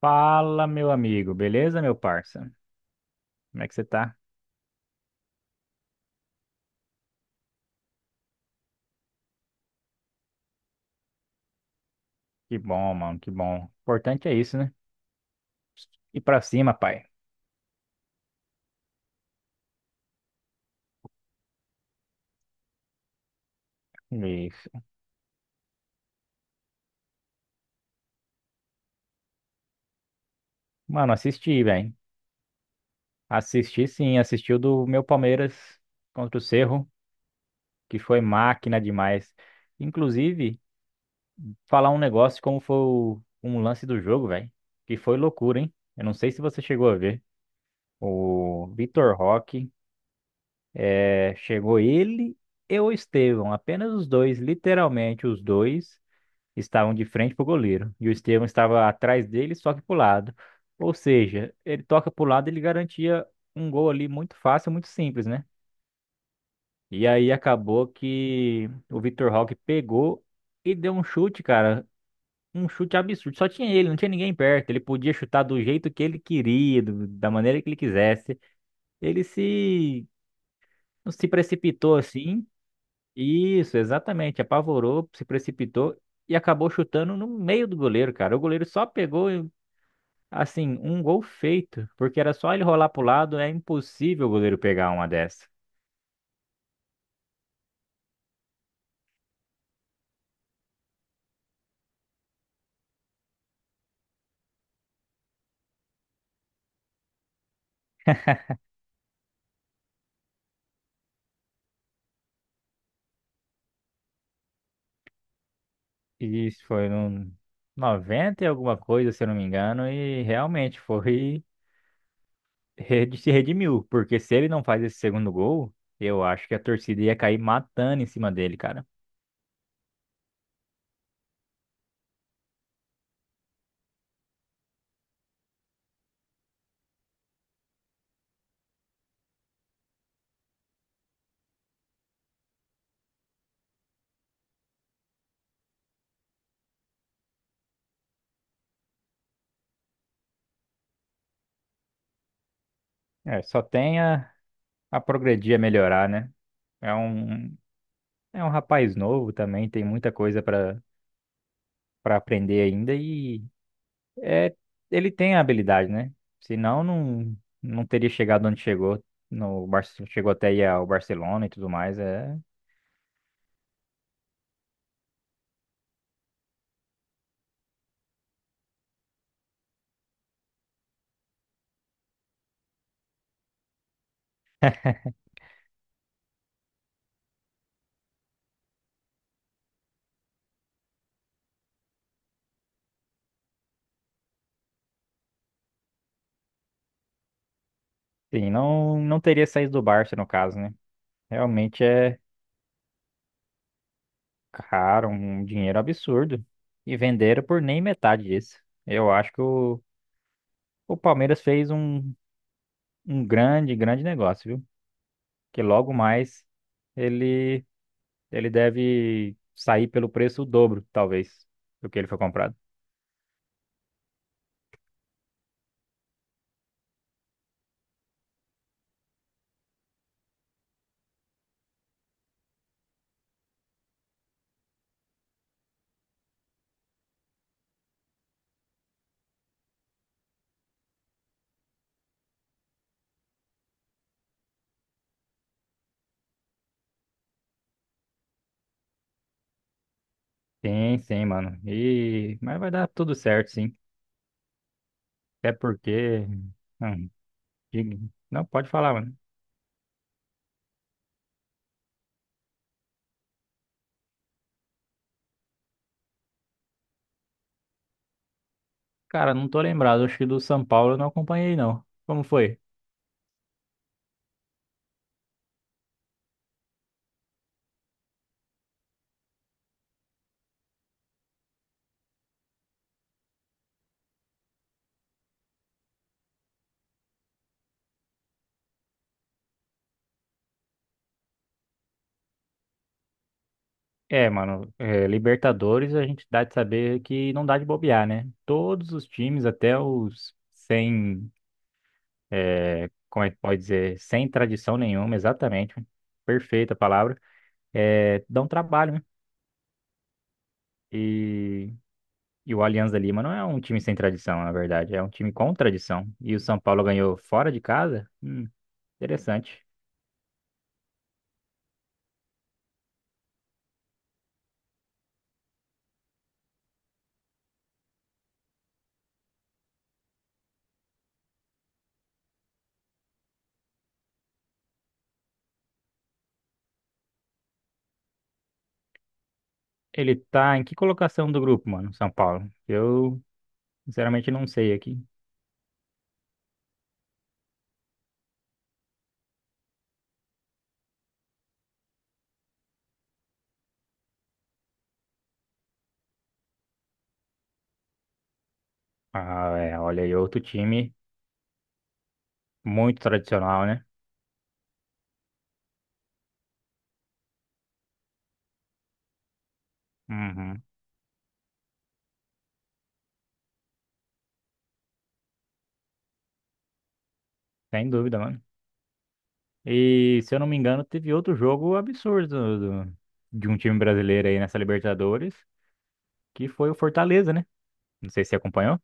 Fala, meu amigo, beleza, meu parça? Como é que você tá? Que bom, mano, que bom. O importante é isso, né? E pra cima, pai. Isso. Mano, assisti, velho. Assisti sim, assisti o do meu Palmeiras contra o Cerro, que foi máquina demais. Inclusive, falar um negócio como foi um lance do jogo, velho, que foi loucura, hein? Eu não sei se você chegou a ver. O Vitor Roque, chegou ele e o Estevão, apenas os dois, literalmente os dois estavam de frente para o goleiro e o Estevão estava atrás dele, só que para o lado. Ou seja, ele toca para o lado, ele garantia um gol ali muito fácil, muito simples, né? E aí acabou que o Vitor Roque pegou e deu um chute, cara. Um chute absurdo. Só tinha ele, não tinha ninguém perto. Ele podia chutar do jeito que ele queria, da maneira que ele quisesse. Ele se, se precipitou assim. Isso, exatamente. Apavorou, se precipitou e acabou chutando no meio do goleiro, cara. O goleiro só pegou, e assim, um gol feito, porque era só ele rolar pro lado, é impossível o goleiro pegar uma dessa. E isso foi no 90 e alguma coisa, se eu não me engano, e realmente foi se redimiu, porque se ele não faz esse segundo gol, eu acho que a torcida ia cair matando em cima dele, cara. É, a progredir, a melhorar, né? É um, é um rapaz novo também, tem muita coisa para aprender ainda e é, ele tem a habilidade, né? Senão não teria chegado onde chegou. No Barce- Chegou até aí ao Barcelona e tudo mais. É, sim, não teria saído do Barça, no caso, né? Realmente é caro, um dinheiro absurdo. E venderam por nem metade disso. Eu acho que o Palmeiras fez um grande, grande negócio, viu? Que logo mais ele, ele deve sair pelo preço o dobro, talvez, do que ele foi comprado. Sim, sim, mano. E mas vai dar tudo certo, sim. Até porque não, diga- não, pode falar, mano. Cara, não tô lembrado. Acho que do São Paulo eu não acompanhei, não. Como foi? É, mano, é, Libertadores a gente dá de saber que não dá de bobear, né? Todos os times, até os sem, é, como é que pode dizer? Sem tradição nenhuma, exatamente. Perfeita a palavra. É, dão trabalho, né? E o Alianza Lima não é um time sem tradição, na verdade, é um time com tradição. E o São Paulo ganhou fora de casa? Interessante. Ele tá em que colocação do grupo, mano, São Paulo? Eu, sinceramente, não sei aqui. Ah, é, olha aí, outro time muito tradicional, né? Uhum, sem dúvida, mano. E, se eu não me engano, teve outro jogo absurdo de um time brasileiro aí nessa Libertadores, que foi o Fortaleza, né? Não sei se você acompanhou.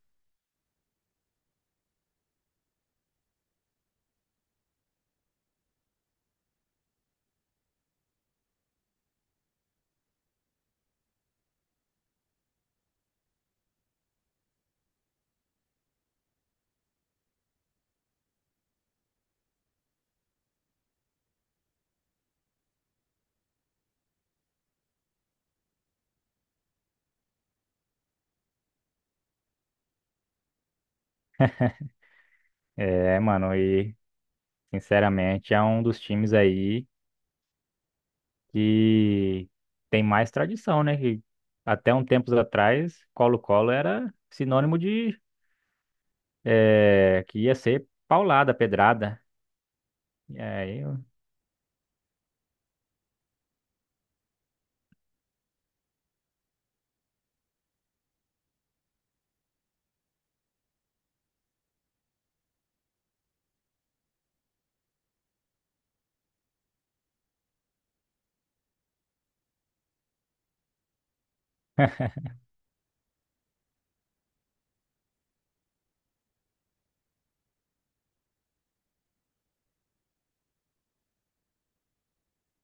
É, mano, e, sinceramente, é um dos times aí que tem mais tradição, né? Que até um tempos atrás, Colo-Colo era sinônimo de que ia ser paulada, pedrada. E aí, eu-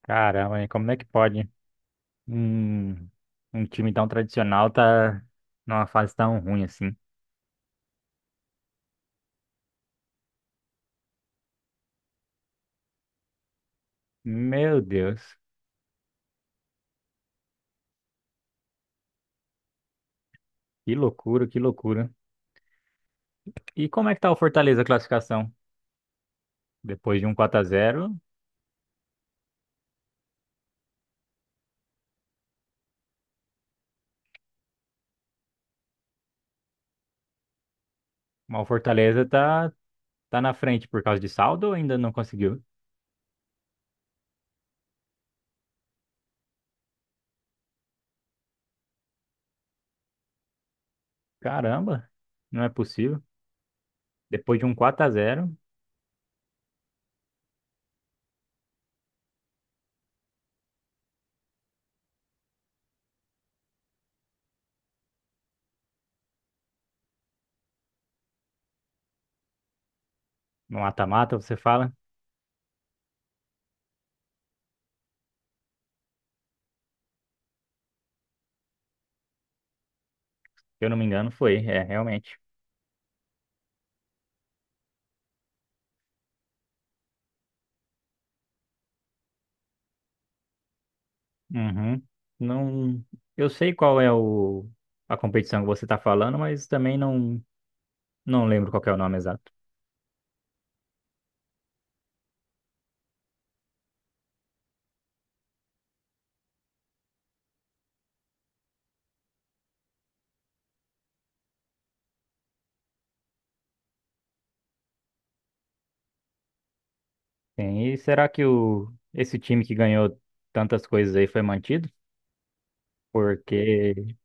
Caramba, hein, como é que pode um, um time tão tradicional tá numa fase tão ruim assim? Meu Deus, que loucura, que loucura. E como é que tá o Fortaleza a classificação? Depois de um 4 a 0, o Fortaleza tá, tá na frente por causa de saldo ou ainda não conseguiu? Caramba, não é possível. Depois de um 4 a 0 no mata-mata, você fala? Se eu não me engano, foi, é, realmente. Uhum. Não, eu sei qual é a competição que você está falando, mas também não lembro qual que é o nome exato. Sim, e será que esse time que ganhou tantas coisas aí foi mantido? Porque,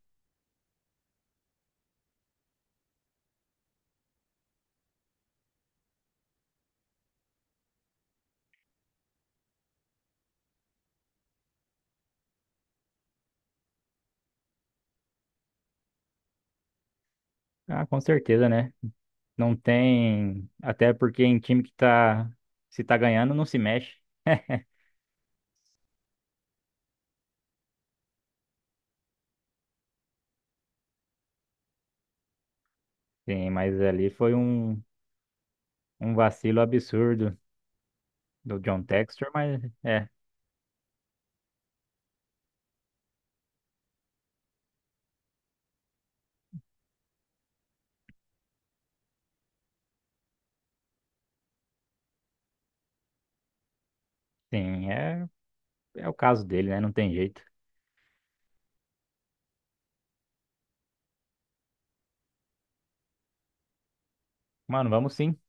ah, com certeza, né? Não tem, até porque em time que tá, se tá ganhando, não se mexe. Sim, mas ali foi um vacilo absurdo do John Textor, mas é. Sim, é, é o caso dele, né? Não tem jeito. Mano, vamos sim.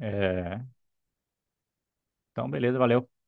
É, então, beleza, valeu.